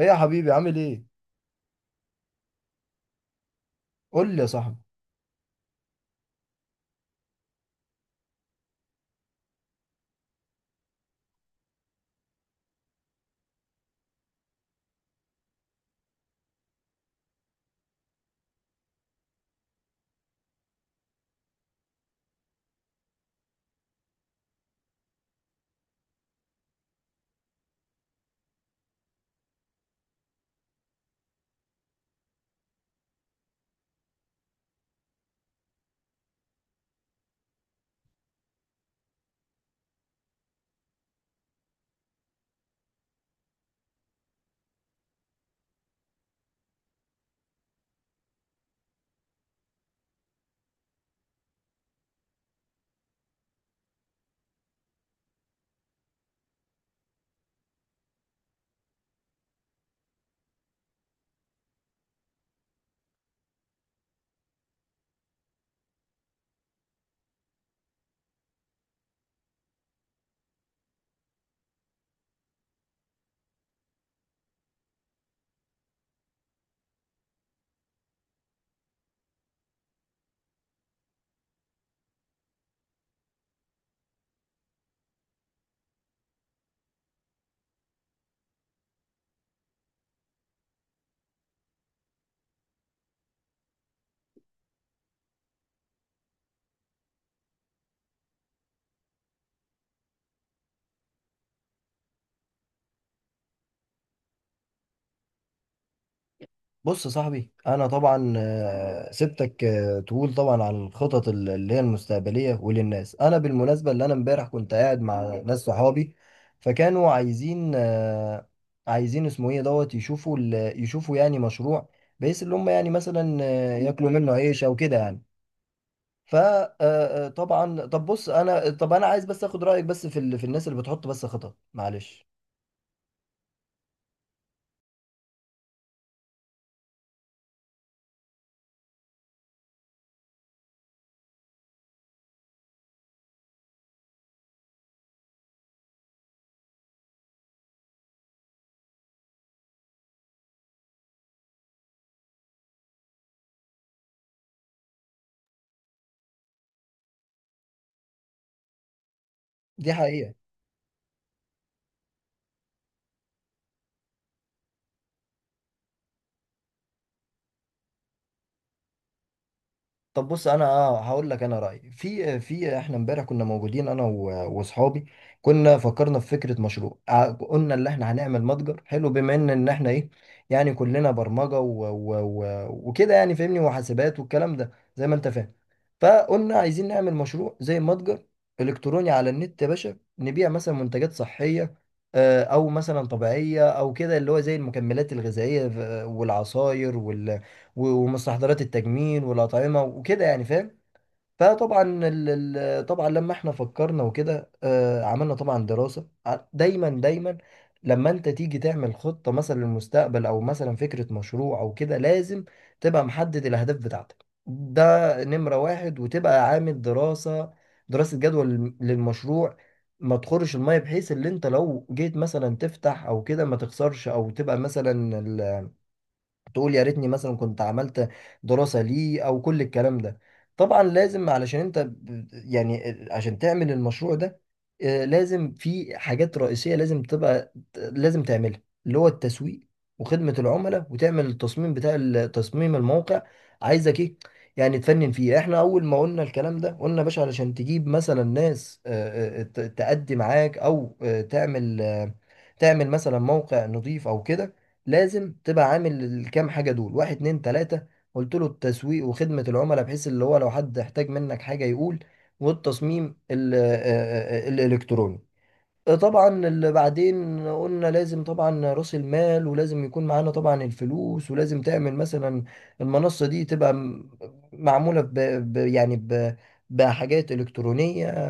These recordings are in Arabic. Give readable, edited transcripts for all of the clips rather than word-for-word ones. ايه يا حبيبي عامل ايه؟ قول لي يا صاحبي. بص يا صاحبي انا طبعا سبتك تقول طبعا عن الخطط اللي هي المستقبليه وللناس. انا بالمناسبه اللي انا امبارح كنت قاعد مع ناس صحابي فكانوا عايزين عايزين اسمه ايه دوت يشوفوا يشوفوا يعني مشروع، بحيث اللي هم يعني مثلا ياكلوا منه عيش او كده يعني. فطبعا طب بص انا عايز بس اخد رايك بس في في الناس اللي بتحط بس خطط، معلش. دي حقيقه. طب بص انا اه هقول لك انا رايي في احنا امبارح كنا موجودين انا واصحابي. كنا فكرنا في فكره مشروع، قلنا ان احنا هنعمل متجر حلو، بما ان احنا ايه، يعني كلنا برمجه و وكده يعني فاهمني، وحاسبات والكلام ده زي ما انت فاهم. فقلنا عايزين نعمل مشروع زي متجر الكتروني على النت يا باشا، نبيع مثلا منتجات صحيه، او مثلا طبيعيه او كده، اللي هو زي المكملات الغذائيه، والعصاير ومستحضرات التجميل والأطعمة وكده يعني فاهم. فطبعا طبعا لما احنا فكرنا وكده عملنا طبعا دراسة، دايما لما انت تيجي تعمل خطة مثلا للمستقبل او مثلا فكرة مشروع او كده، لازم تبقى محدد الاهداف بتاعتك، ده نمرة واحد، وتبقى عامل دراسة جدوى للمشروع، ما تخرش المية، بحيث ان انت لو جيت مثلا تفتح او كده ما تخسرش، او تبقى مثلا تقول يا ريتني مثلا كنت عملت دراسة ليه او كل الكلام ده. طبعا لازم، علشان انت يعني عشان تعمل المشروع ده لازم في حاجات رئيسية لازم لازم تعملها، اللي هو التسويق وخدمة العملاء، وتعمل التصميم بتاع تصميم الموقع، عايزك ايه، يعني تفنن فيه. احنا اول ما قلنا الكلام ده قلنا يا باشا علشان تجيب مثلا ناس تأدي معاك، او تعمل تعمل مثلا موقع نظيف او كده، لازم تبقى عامل الكام حاجة دول، واحد اتنين تلاتة. قلت له التسويق وخدمة العملاء بحيث اللي هو لو حد احتاج منك حاجة يقول، والتصميم الإلكتروني. طبعا اللي بعدين قلنا لازم طبعا رأس المال، ولازم يكون معانا طبعا الفلوس، ولازم تعمل مثلا المنصة دي تبقى معمولة ب ب- يعني ب بحاجات إلكترونية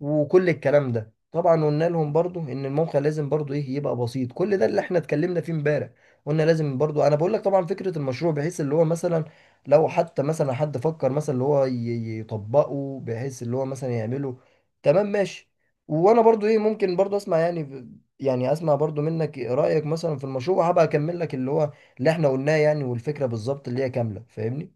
وكل الكلام ده. طبعا قلنا لهم برضو ان الموقع لازم برضو ايه، يبقى بسيط. كل ده اللي احنا اتكلمنا فيه امبارح. قلنا لازم برضو، انا بقول لك طبعا فكرة المشروع بحيث اللي هو مثلا لو حتى مثلا حد فكر مثلا اللي هو يطبقه بحيث اللي هو مثلا يعمله، تمام ماشي. وانا برضو ايه، ممكن برضو اسمع يعني يعني اسمع برضو منك رأيك مثلا في المشروع، وهبقى اكمل لك اللي هو اللي احنا قلناه يعني، والفكرة بالظبط اللي هي كاملة، فاهمني.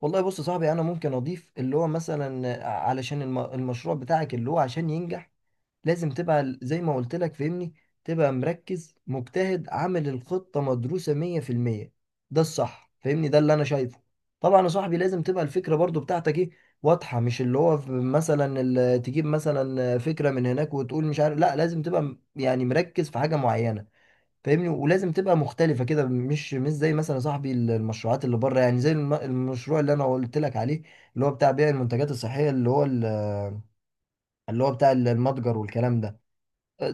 والله بص يا صاحبي، انا ممكن اضيف اللي هو مثلا علشان المشروع بتاعك اللي هو عشان ينجح، لازم تبقى زي ما قلت لك فهمني، تبقى مركز مجتهد عامل الخطة مدروسة 100%. ده الصح فهمني، ده اللي انا شايفه. طبعا يا صاحبي لازم تبقى الفكرة برضو بتاعتك ايه، واضحة، مش اللي هو تجيب مثلا فكرة من هناك وتقول مش عارف. لا، لازم تبقى يعني مركز في حاجة معينة فاهمني، ولازم تبقى مختلفة كده، مش زي مثلا يا صاحبي المشروعات اللي بره، يعني زي المشروع اللي انا قلت لك عليه، اللي هو بتاع بيع المنتجات الصحية، اللي هو اللي هو بتاع المتجر والكلام ده.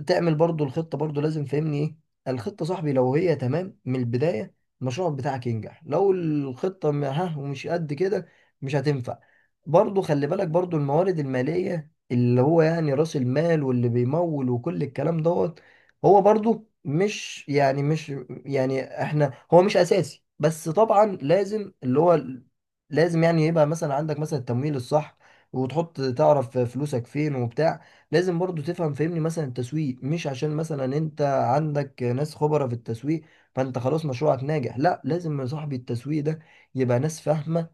تعمل برضو الخطة، برضو لازم فهمني ايه الخطة صاحبي، لو هي تمام من البداية المشروع بتاعك ينجح، لو الخطة م- ها ومش قد كده، مش هتنفع. برضو خلي بالك برضو الموارد المالية اللي هو يعني رأس المال واللي بيمول وكل الكلام دوت، هو برضو مش يعني مش يعني احنا هو مش أساسي بس طبعا لازم اللي هو لازم يعني يبقى مثلا عندك مثلا التمويل الصح، وتحط تعرف فلوسك فين وبتاع. لازم برضو تفهم فهمني مثلا التسويق، مش عشان مثلا انت عندك ناس خبرة في التسويق فانت خلاص مشروعك ناجح. لا، لازم يا صاحبي التسويق ده يبقى ناس فاهمة،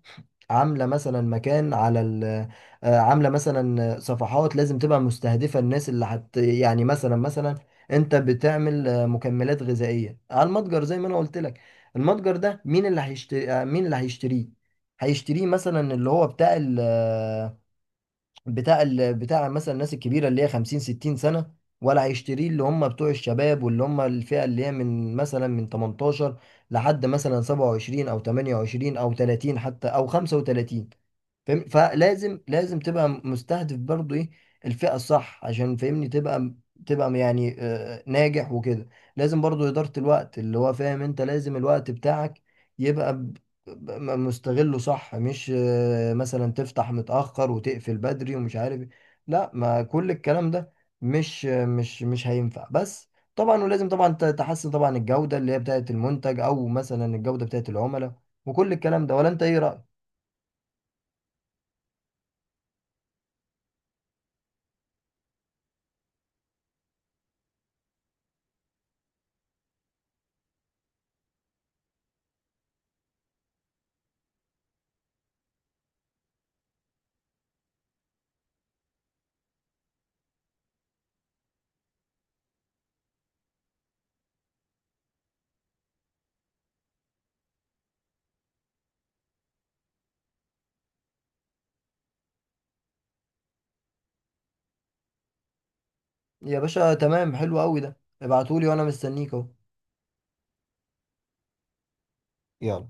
عاملة مثلا مكان على ال عاملة مثلا صفحات، لازم تبقى مستهدفة الناس اللي حت يعني مثلا انت بتعمل مكملات غذائية على المتجر زي ما انا قلت لك، المتجر ده مين اللي هيشتري مين اللي هيشتريه، هيشتريه مثلا اللي هو بتاع مثلا الناس الكبيره اللي هي 50 60 سنه، ولا هيشتريه اللي هم بتوع الشباب واللي هم الفئه اللي هي من مثلا من 18 لحد مثلا 27 او 28 او 30 حتى او 35. فاهم؟ فلازم تبقى مستهدف برضو ايه الفئة الصح عشان فاهمني تبقى يعني ناجح وكده. لازم برضو إدارة الوقت اللي هو فاهم، انت لازم الوقت بتاعك يبقى مستغله صح، مش مثلا تفتح متأخر وتقفل بدري ومش عارف إيه. لا، ما كل الكلام ده مش مش هينفع بس. طبعا ولازم طبعا تحسن طبعا الجودة اللي هي بتاعت المنتج او مثلا الجودة بتاعت العملاء وكل الكلام ده. ولا انت ايه رأيك؟ يا باشا تمام، حلو قوي، ده ابعتولي وانا مستنيك اهو. يلا.